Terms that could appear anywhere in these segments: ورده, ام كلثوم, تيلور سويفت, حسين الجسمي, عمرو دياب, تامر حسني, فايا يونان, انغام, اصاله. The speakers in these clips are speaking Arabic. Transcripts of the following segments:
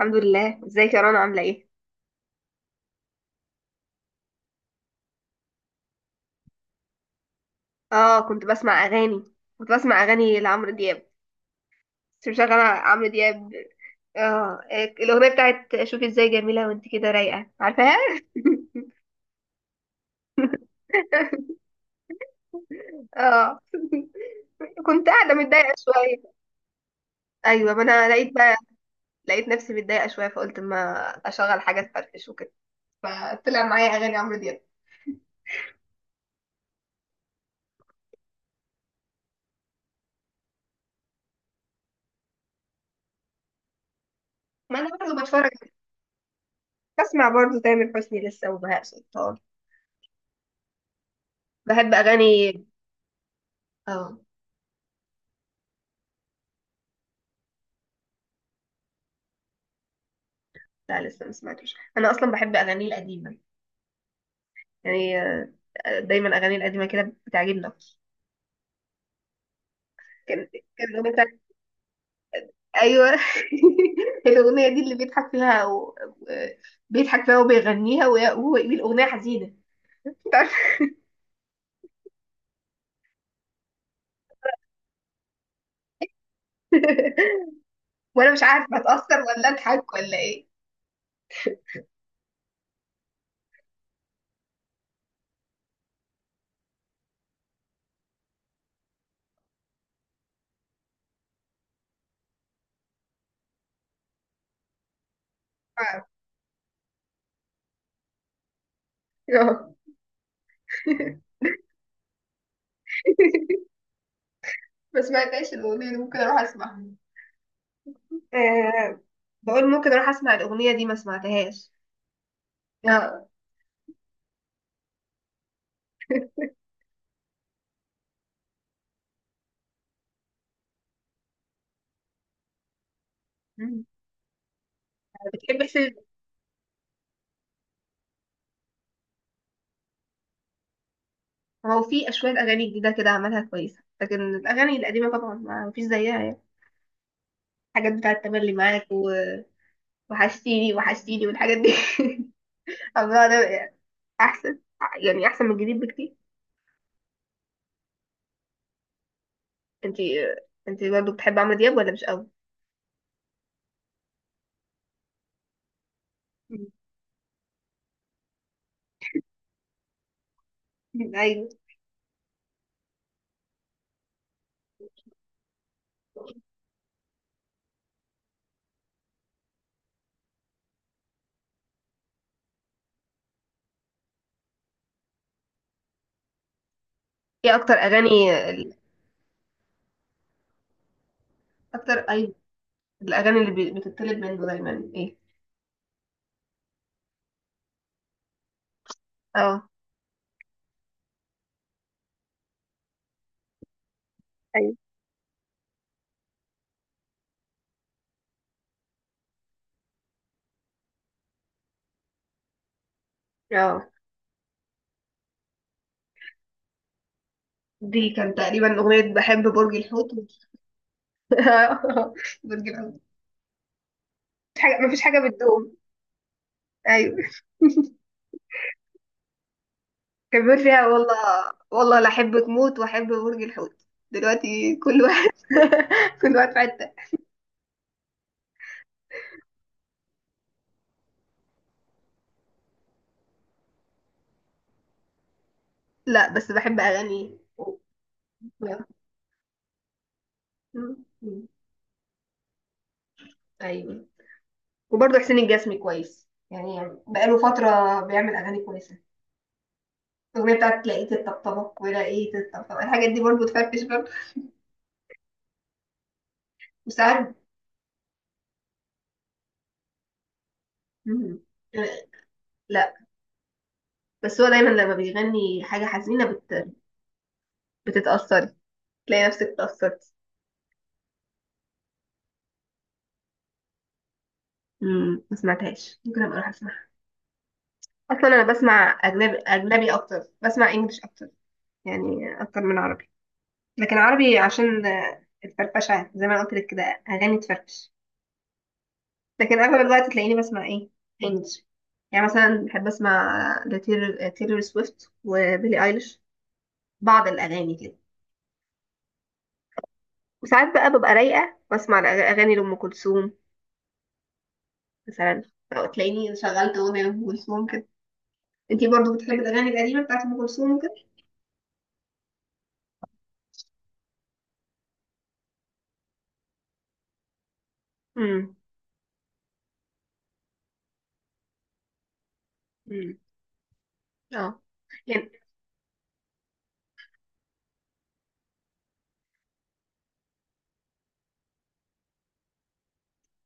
الحمد لله. ازيك يا رنا؟ عامله ايه؟ اه، كنت بسمع اغاني لعمرو دياب. كنت مشغله عمرو دياب. اه، إيه، الاغنيه بتاعت شوفي ازاي، جميله وانت كده رايقه، عارفاها؟ اه، كنت قاعده متضايقه شويه. ايوه، ما انا لقيت بقى. لقيت نفسي متضايقه شويه، فقلت ما اشغل حاجه تفرفش وكده. فطلع معايا اغاني عمرو دياب. ما انا برضه بتفرج. بسمع برضه تامر حسني لسه وبهاء سلطان. بحب اغاني. اه. لا، لسه ما سمعتوش. انا اصلا بحب اغانيه القديمه، يعني دايما اغاني القديمه كده بتعجبني اكتر. كان. الاغنيه بتاعت. ايوه. الاغنيه دي اللي بيضحك فيها آه، بيضحك فيها وبيغنيها، وهو يقول اغنيه حزينه. مش عارفة- وانا مش عارفه اتاثر ولا اضحك ولا ايه. مش عارفة. آه. ما سمعتهاش الاغنيه دي، ممكن اروح اسمعها. آه، بقول ممكن اروح اسمع الاغنيه دي ما سمعتهاش. آه. بتحب حسين؟ هو في شوية أغاني جديدة كده عملها كويسة، لكن الأغاني القديمة طبعا ما مفيش زيها يعني. حاجات بتاعة تملي معاك وحشتيني وحشتيني والحاجات دي. عمرها ده أحسن، يعني أحسن من الجديد بكتير. انتي انتي برضه بتحبي عمرو دياب ولا مش قوي؟ مم. أيوه. ايه أكتر أغاني؟ أكتر، أيوه. الأغاني بتطلب منه دايما ايه؟ اه. أيوة. اه، دي كان تقريبا أغنية بحب برج الحوت. برج الحوت. مفيش حاجة مفيش حاجة بتدوم. أيوه. كان بيقول فيها والله، والله لا احبك موت واحب برج الحوت. دلوقتي كل واحد. كل واحد في حته. لا، بس بحب اغاني. ايوه. وبرضه حسين الجسمي كويس يعني، بقاله فتره بيعمل اغاني كويسه. الاغنيه بتاعت لقيت الطبطبه ولقيت الطبطبه، الحاجات دي برضه تفرفش برضه. وساعات. مم. لا، بس هو دايما لما بيغني حاجه حزينه بتتاثري. تلاقي نفسك اتاثرتي. مم، ما سمعتهاش، ممكن ابقى اروح. اصلا انا بسمع اجنبي، اجنبي اكتر. بسمع انجليش اكتر يعني، اكتر من عربي. لكن عربي عشان الفرفشه، زي ما أنا قلت لك كده، اغاني تفرفش. لكن اغلب الوقت تلاقيني بسمع ايه؟ انجليش. يعني مثلا بحب اسمع تيلور سويفت وبيلي ايليش، بعض الاغاني كده. وساعات بقى ببقى رايقه، بسمع اغاني لام كلثوم مثلا. أو تلاقيني شغلت اغنيه لام كلثوم كده. انتي برضو بتحبي الاغاني القديمه بتاعت ام كلثوم وكده؟ امم. امم. اه. يعني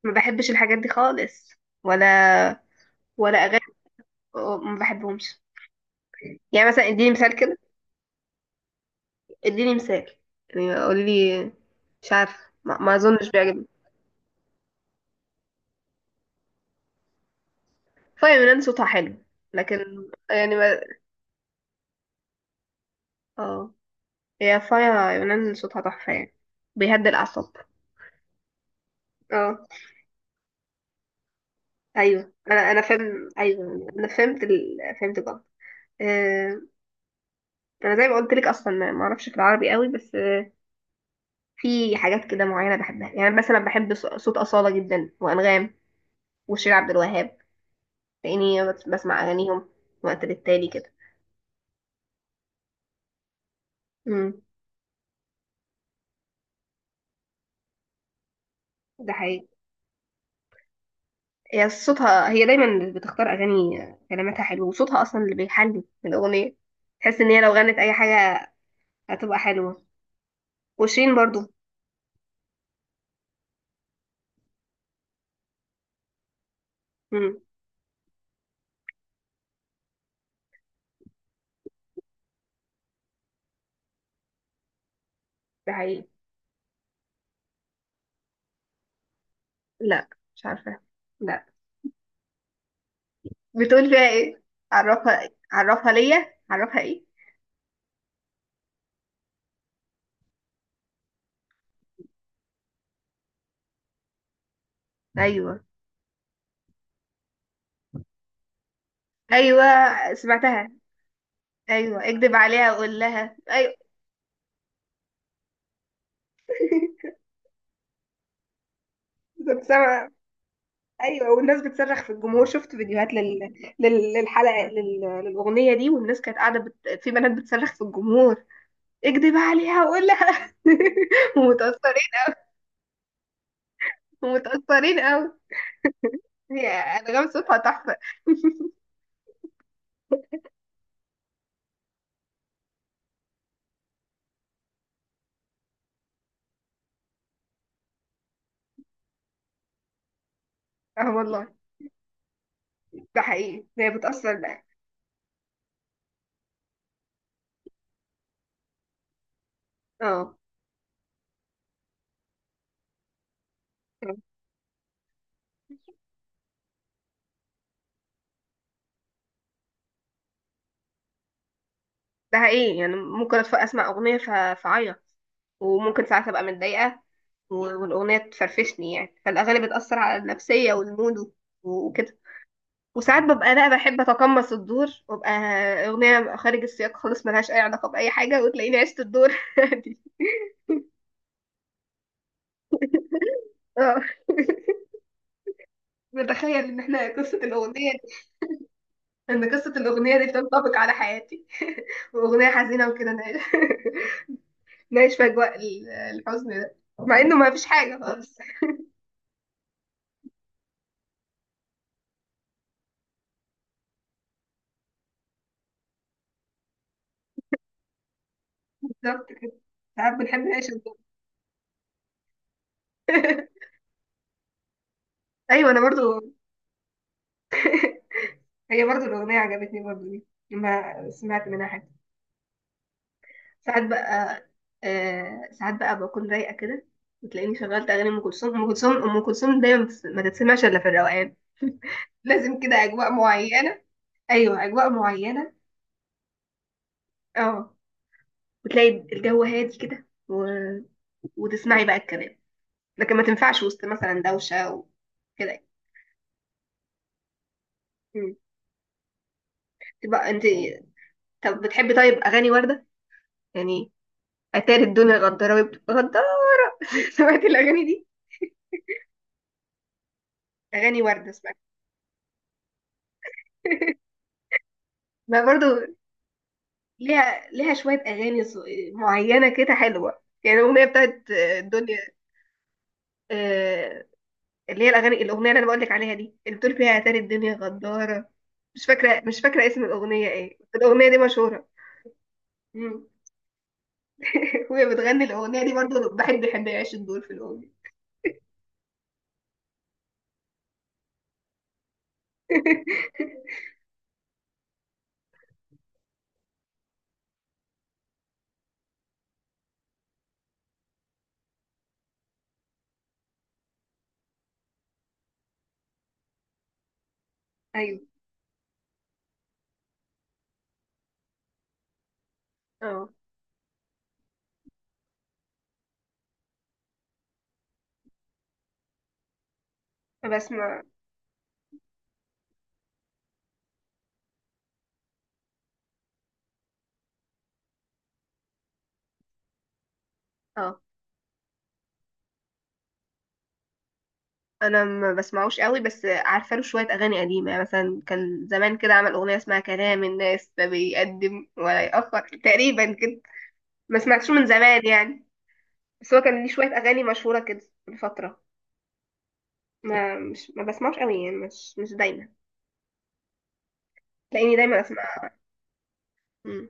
ما بحبش الحاجات دي خالص. ولا ولا اغاني، أو- ما بحبهمش. يعني مثلا اديني مثال كده، اديني مثال. يعني قولي لي. مش عارفه، ما, ما اظنش بيعجبني. فايا يونان صوتها حلو، لكن يعني ما... اه. هي فايا يونان صوتها تحفه يعني، بيهدي الاعصاب. اه، ايوه، انا فاهم، ايوه، انا فهمت فهمت غلط. آه، انا زي ما قلت لك اصلا ما ما اعرفش في العربي قوي، بس في حاجات كده معينه بحبها. يعني مثلا بحب صوت اصاله جدا وانغام وشير عبد الوهاب، لاني بسمع اغانيهم وقت للتالي كده. امم. ده حقيقي. هي صوتها، هي دايما بتختار اغاني كلماتها حلوه، وصوتها اصلا اللي بيحلي الاغنيه. تحس ان هي لو غنت اي حاجه هتبقى حلوه. وشيرين برضو. امم. ده حقيقي. لا. مش عارفه. لا. بتقول فيها ايه؟ عرفها، عرفها ليا، عرفها ايه؟ ايوه. ايوه، سمعتها. ايوه، اكدب عليها وقول لها، ايوه. كنت سامعة. ايوه، والناس بتصرخ في الجمهور. شفت فيديوهات للاغنيه دي، والناس كانت قاعده في بنات بتصرخ في الجمهور: اكدب عليها وقول لها. ومتاثرين، ومتاثرين قوي. هي انغام صوتها تحفه. اه والله، ده حقيقي، هي بتاثر بقى. اه، ده حقيقي. يعني ممكن اسمع اغنيه فاعيط. وممكن ساعات ابقى متضايقه و- والاغنيه تفرفشني، يعني فالاغاني بتاثر على النفسيه والمود وكده. وساعات ببقى انا بحب اتقمص الدور، وابقى اغنيه خارج السياق خالص، ملهاش اي علاقه باي حاجه، وتلاقيني عشت الدور. دي، اه، بتخيل ان احنا قصه الاغنيه دي، ان قصه الاغنيه دي بتنطبق على حياتي واغنيه حزينه وكده، نعيش. نعيش في اجواء الحزن ده، مع انه ما فيش حاجه خالص. بالظبط كده. ساعات بنحب نعيش الدور. ايوه، انا برضو. هي برضو الاغنيه عجبتني برضو دي، لما سمعت منها حاجه. ساعات بقى، آه، ساعات بقى بكون رايقه كده، وتلاقيني شغلت اغاني ام كلثوم. ام كلثوم ام كلثوم دايما ما تتسمعش الا في الروقان. لازم كده اجواء معينه. ايوه، اجواء معينه. اه. وتلاقي الجو هادي كده وتسمعي بقى الكلام. لكن ما تنفعش وسط مثلا دوشه وكده. مم. تبقى انت. طب بتحبي طيب اغاني ورده؟ يعني اتاري الدنيا غداره غداره. سمعتي الاغاني دي؟ اغاني ورده اسمها. ما برضو ليها، ليها شوية أغاني معينة كده حلوة. يعني الأغنية بتاعت الدنيا، آه، اللي هي الأغنية اللي أنا بقولك عليها دي، اللي بتقول فيها يا تاري الدنيا غدارة. مش فاكرة. مش فاكرة اسم الأغنية ايه، بس الأغنية دي مشهورة. مم. وهي بتغني الأغنية دي برضه، الواحد بيحب يعيش الدور في الأغنية. أيوه. اه. بسمع. اه، أنا ما بسمعوش قوي، بس عارفة له شوية أغاني قديمة. يعني مثلا كان زمان كده عمل أغنية اسمها كلام الناس لا بيقدم ولا يأخر تقريبا كده. ما سمعتش من زمان يعني. بس هو كان ليه شوية أغاني مشهورة كده من فترة. ما بسمعوش قوي يعني، مش دايما. تلاقيني دايما أسمع. مم.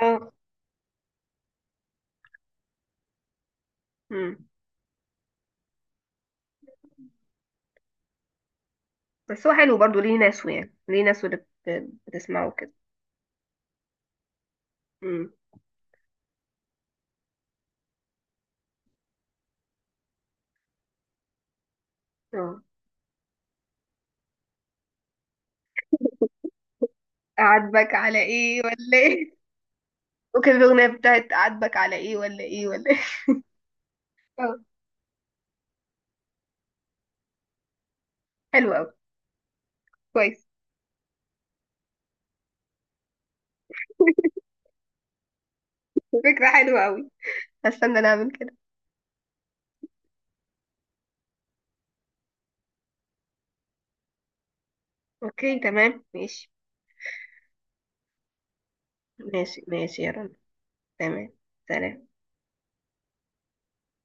اه. مم. بس هو حلو برضه، ليه ناس، يعني ليه ناس اللي بتسمعه كده. مم. اه. أعاتبك على إيه ولا إيه. وكده الأغنية بتاعت أعاتبك على إيه ولا إيه ولا إيه. اه. حلو أوي. كويس. فكرة حلوة أوي. هستنى نعمل كده. أوكي تمام. ماشي. ماشي ماشي يا رنا. تمام. سلام.